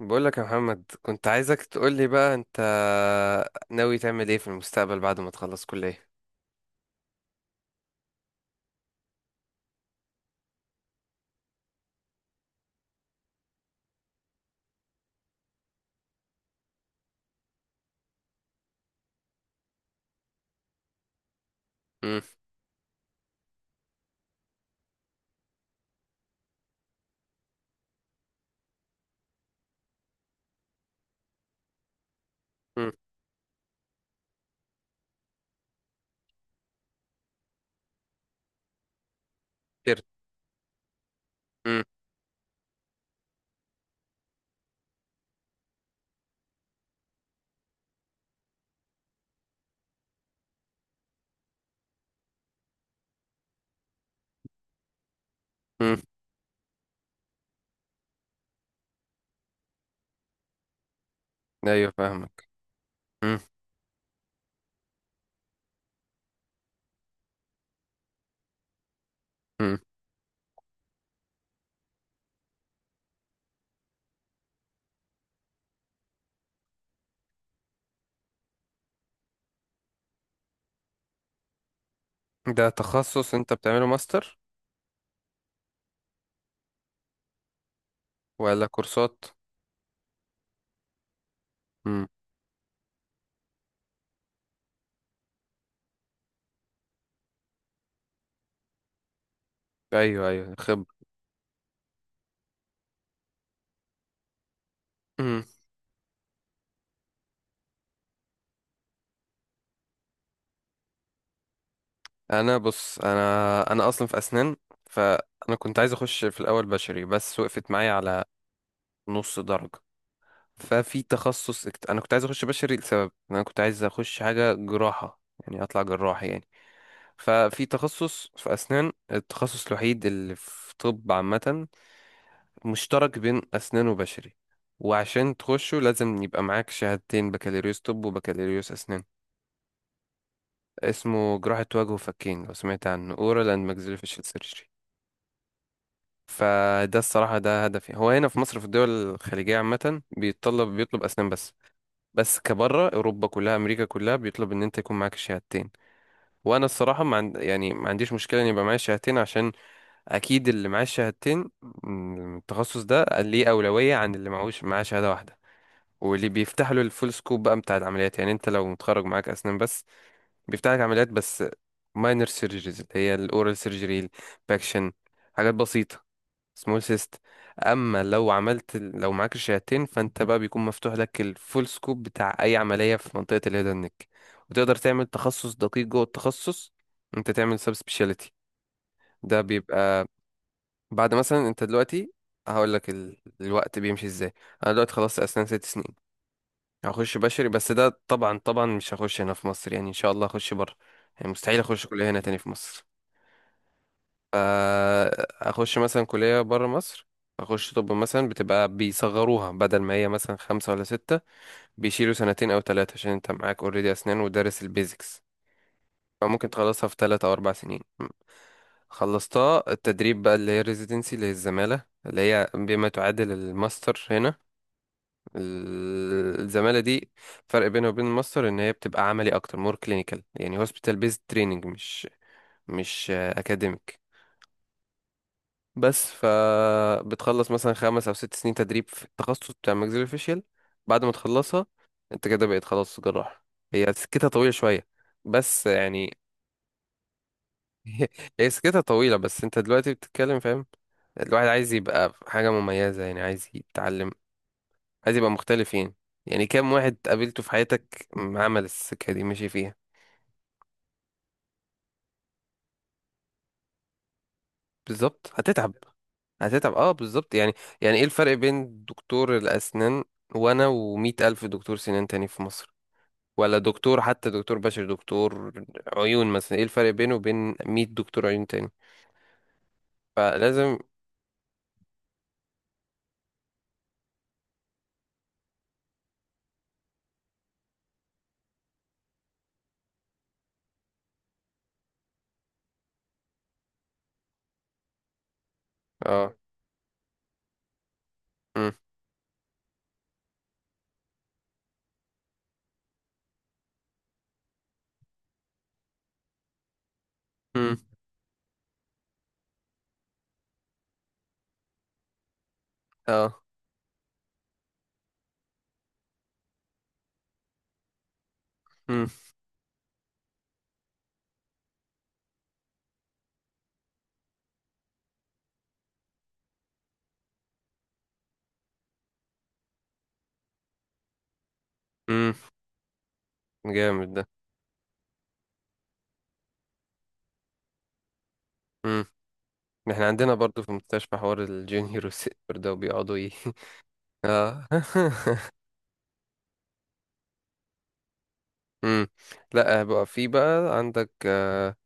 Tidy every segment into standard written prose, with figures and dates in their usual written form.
بقولك يا محمد، كنت عايزك تقولي بقى انت ناوي تعمل ايه في المستقبل بعد ما تخلص كلية. امم امم كتير. امم امم ايوه، فاهمك. امم امم ده تخصص انت بتعمله ماستر ولا كورسات؟ امم ايوه ايوه، خب. امم انا بص، انا اصلا في اسنان. فانا كنت عايز اخش في الاول بشري، بس وقفت معايا على نص درجة. ففي تخصص انا كنت عايز اخش بشري لسبب إن انا كنت عايز اخش حاجة جراحة، يعني اطلع جراح يعني. ففي تخصص في أسنان، التخصص الوحيد اللي في طب عامة مشترك بين أسنان وبشري، وعشان تخشه لازم يبقى معاك شهادتين: بكالوريوس طب وبكالوريوس أسنان. اسمه جراحة وجه وفكين، لو سمعت عنه oral and maxillofacial surgery. فده الصراحة ده هدفي. هو هنا في مصر، في الدول الخليجية عامة، بيتطلب بيطلب أسنان بس، بس كبره أوروبا كلها أمريكا كلها بيطلب إن أنت يكون معاك الشهادتين. وأنا الصراحة ما عند... يعني ما عنديش مشكلة إن يبقى معايا شهادتين، عشان اكيد اللي معاه الشهادتين من التخصص ده ليه اولويه عن اللي معهوش، معاه شهاده واحده. واللي بيفتح له الفول سكوب بقى بتاع العمليات، يعني انت لو متخرج معاك اسنان بس، بيفتح لك عمليات بس، ماينر سيرجريز اللي هي الاورال سيرجري، باكشن، حاجات بسيطه، سمول سيست. اما لو عملت لو معاك الشهادتين، فانت بقى بيكون مفتوح لك الفول سكوب بتاع اي عمليه في منطقه الهيدن نيك. وتقدر تعمل تخصص دقيق جوه التخصص، انت تعمل سب سبيشاليتي. ده بيبقى بعد مثلا انت دلوقتي. هقول لك الوقت بيمشي ازاي. انا دلوقتي خلصت اسنان 6 سنين. هخش بشري، بس ده طبعا طبعا مش هخش هنا في مصر يعني، ان شاء الله هخش بره. يعني مستحيل اخش كلية هنا تاني في مصر. فا اخش مثلا كلية بره مصر، اخش طب مثلا. بتبقى بيصغروها، بدل ما هي مثلا خمسة ولا ستة، بيشيلوا سنتين او 3 عشان انت معاك اوريدي اسنان ودارس البيزكس. فممكن تخلصها في 3 او 4 سنين. خلصتها، التدريب بقى اللي هي ريزيدنسي، اللي هي الزمالة، اللي هي بما تعادل الماستر هنا. الزمالة دي فرق بينها وبين الماستر ان هي بتبقى عملي اكتر، مور كلينيكال، يعني هوسبيتال بيزد تريننج، مش اكاديميك بس. فبتخلص مثلا 5 او 6 سنين تدريب في التخصص بتاع ماكسيلوفيشيال. بعد ما تخلصها، انت كده بقيت خلاص جراح. هي سكتها طويلة شوية، بس يعني. هي سكتها طويلة، بس انت دلوقتي بتتكلم، فاهم. الواحد عايز يبقى حاجة مميزة يعني، عايز يتعلم، عايز يبقى مختلف يعني. يعني كام واحد قابلته في حياتك عمل السكة دي ماشي فيها؟ بالظبط، هتتعب. هتتعب، اه بالظبط يعني. يعني ايه الفرق بين دكتور الأسنان، وانا، ومية ألف دكتور سنان تاني في مصر؟ ولا دكتور، حتى دكتور بشري، دكتور عيون مثلا، ايه الفرق بينه وبين 100 دكتور عيون تاني؟ فلازم. اه. مم. مم. اه. مم. مم. جامد ده. احنا عندنا برضو في المستشفى حوار الجونيور والسينيور ده، وبيقعدوا ايه. اه. امم لا بقى، في بقى عندك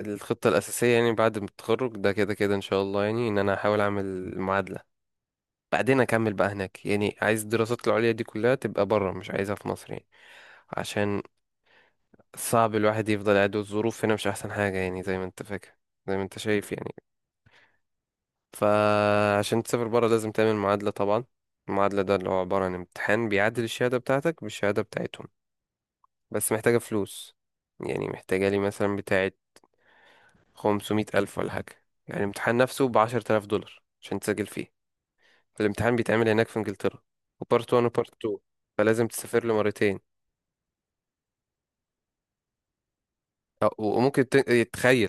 الخطة الأساسية، يعني بعد ما التخرج ده كده كده إن شاء الله يعني، إن أنا هحاول أعمل معادلة، بعدين أكمل بقى هناك. يعني عايز الدراسات العليا دي كلها تبقى بره، مش عايزها في مصر يعني. عشان صعب الواحد يفضل قاعد، والظروف هنا مش أحسن حاجة يعني، زي ما أنت فاكر، زي ما أنت شايف يعني. فعشان تسافر بره لازم تعمل معادلة طبعا. المعادلة ده اللي هو عبارة عن امتحان بيعادل الشهادة بتاعتك بالشهادة بتاعتهم، بس محتاجة فلوس. يعني محتاجة لي مثلا بتاعة 500 ألف ولا حاجة. يعني الامتحان نفسه بـ10 آلاف دولار عشان تسجل فيه. الامتحان بيتعمل هناك في انجلترا، وبارت 1 وبارت 2، فلازم تسافر له مرتين. وممكن تخيل.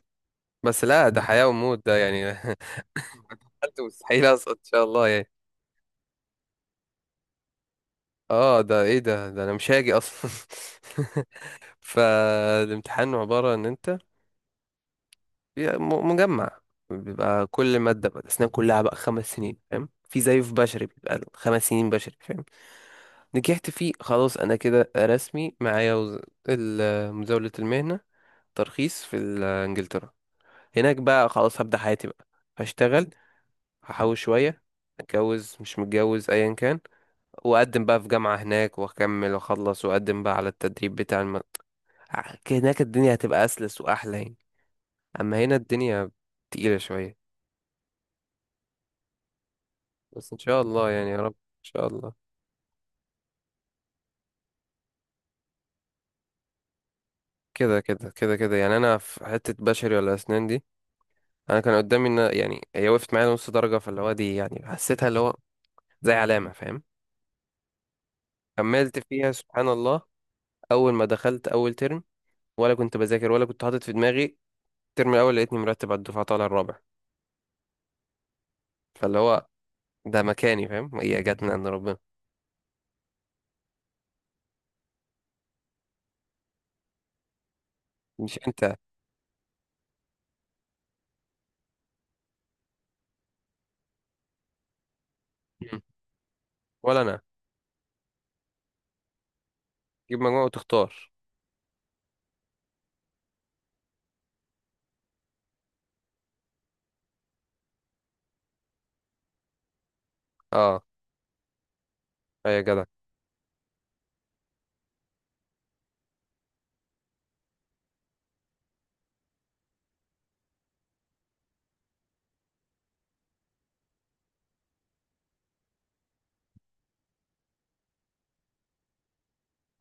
بس لا، ده حياة وموت ده يعني. مستحيل أسقط إن شاء الله يعني. اه ده ايه ده، ده انا مش هاجي اصلا. فالامتحان عبارة ان انت مجمع، بيبقى كل مادة بقى. الأسنان كلها بقى 5 سنين فاهم، في زيه في بشري بيبقى له 5 سنين بشري فاهم. نجحت فيه خلاص، أنا كده رسمي معايا مزاولة المهنة، ترخيص في إنجلترا. هناك بقى خلاص هبدأ حياتي بقى. هشتغل، هحوش شوية، اتجوز مش متجوز ايا كان، واقدم بقى في جامعة هناك، واكمل واخلص، واقدم بقى على التدريب بتاع المدرسة. هناك الدنيا هتبقى أسلس وأحلى يعني. أما هنا الدنيا تقيلة شوية. بس إن شاء الله يعني، يا رب إن شاء الله. كده كده كده كده يعني. أنا في حتة بشري ولا أسنان دي، أنا كان قدامي إن يعني هي وقفت معايا نص درجة، فاللي هو دي يعني حسيتها اللي هو زي علامة فاهم. كملت فيها سبحان الله. أول ما دخلت أول ترم، ولا كنت بذاكر ولا كنت حاطط في دماغي، الترم الأول لقيتني مرتب على الدفعة طالع الرابع. فاللي هو ده مكاني، فاهم، هي جت من عند ربنا. مش أنت. مم. ولا أنا. تجيب مجموعة وتختار. اه، أي يا جدع.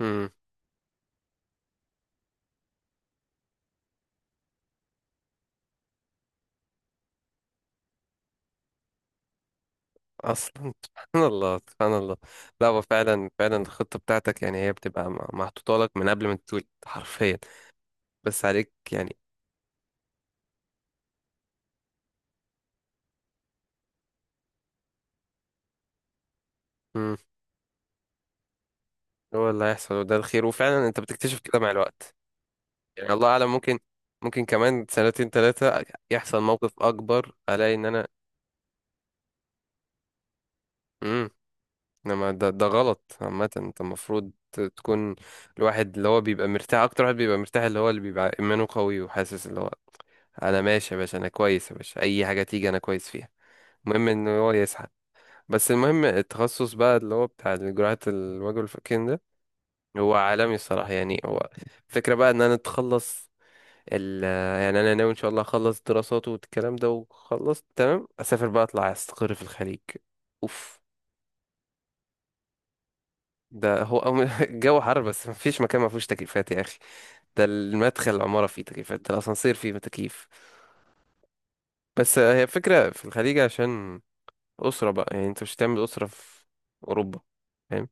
امم أصلا. سبحان الله سبحان الله. لا هو فعلا فعلا، الخطة بتاعتك يعني هي بتبقى محطوطة لك من قبل ما تتولد حرفيا، بس عليك يعني. امم هو اللي هيحصل، وده الخير، وفعلا أنت بتكتشف كده مع الوقت. يعني الله أعلم، ممكن ممكن كمان سنتين 3 يحصل موقف أكبر، ألاقي إن أنا. مم. انما ده غلط عامة، انت المفروض تكون الواحد اللي هو بيبقى مرتاح اكتر. واحد بيبقى مرتاح اللي هو اللي بيبقى ايمانه قوي، وحاسس اللي هو انا ماشي يا باشا، انا كويس يا باشا، اي حاجة تيجي انا كويس فيها. المهم ان هو يسعى. بس المهم التخصص بقى اللي هو بتاع جراحة الوجه والفكين ده، هو عالمي الصراحة يعني. هو الفكرة بقى ان انا اتخلص ال يعني انا ناوي ان شاء الله اخلص دراسات والكلام ده، وخلصت تمام، اسافر بقى، اطلع استقر في الخليج. اوف. ده الجو حر، بس مفيش مكان ما فيهوش تكييفات يا اخي. ده المدخل العماره فيه تكييفات، ده الاسانسير فيه تكييف. بس هي فكره في الخليج عشان اسره بقى، يعني انت مش هتعمل اسره في اوروبا فاهم.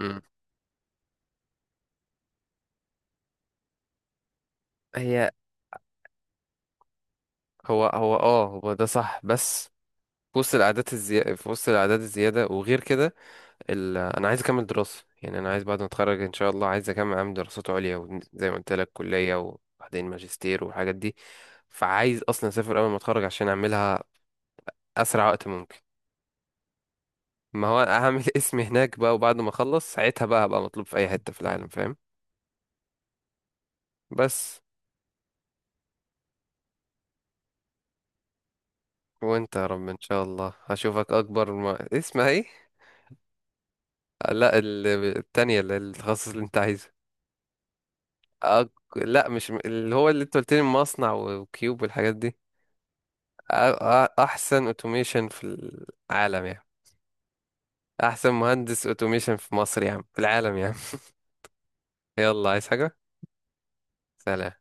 مم. هي. هو هو اه، هو ده صح بس. في وسط الأعداد الزيادة، في وسط الأعداد الزيادة وغير كده أنا عايز أكمل دراسة. يعني أنا عايز بعد ما أتخرج إن شاء الله، عايز أكمل أعمل دراسات عليا وزي ما قلت لك كلية، وبعدين ماجستير والحاجات دي. فعايز أصلا أسافر أول ما أتخرج عشان أعملها اسرع وقت ممكن. ما هو هعمل اسمي هناك بقى، وبعد ما اخلص ساعتها بقى هبقى مطلوب في اي حتة في العالم فاهم. بس. وانت يا رب ان شاء الله، هشوفك اكبر ما... اسمها ايه. لا، التانية اللي التخصص اللي انت عايزه. أك... لا، مش اللي هو اللي انت قلت لي مصنع وكيوب والحاجات دي. أ... احسن اوتوميشن في العالم يعني، احسن مهندس اوتوميشن في مصر يا عم، في العالم يا عم. يلا، عايز حاجة؟ سلام.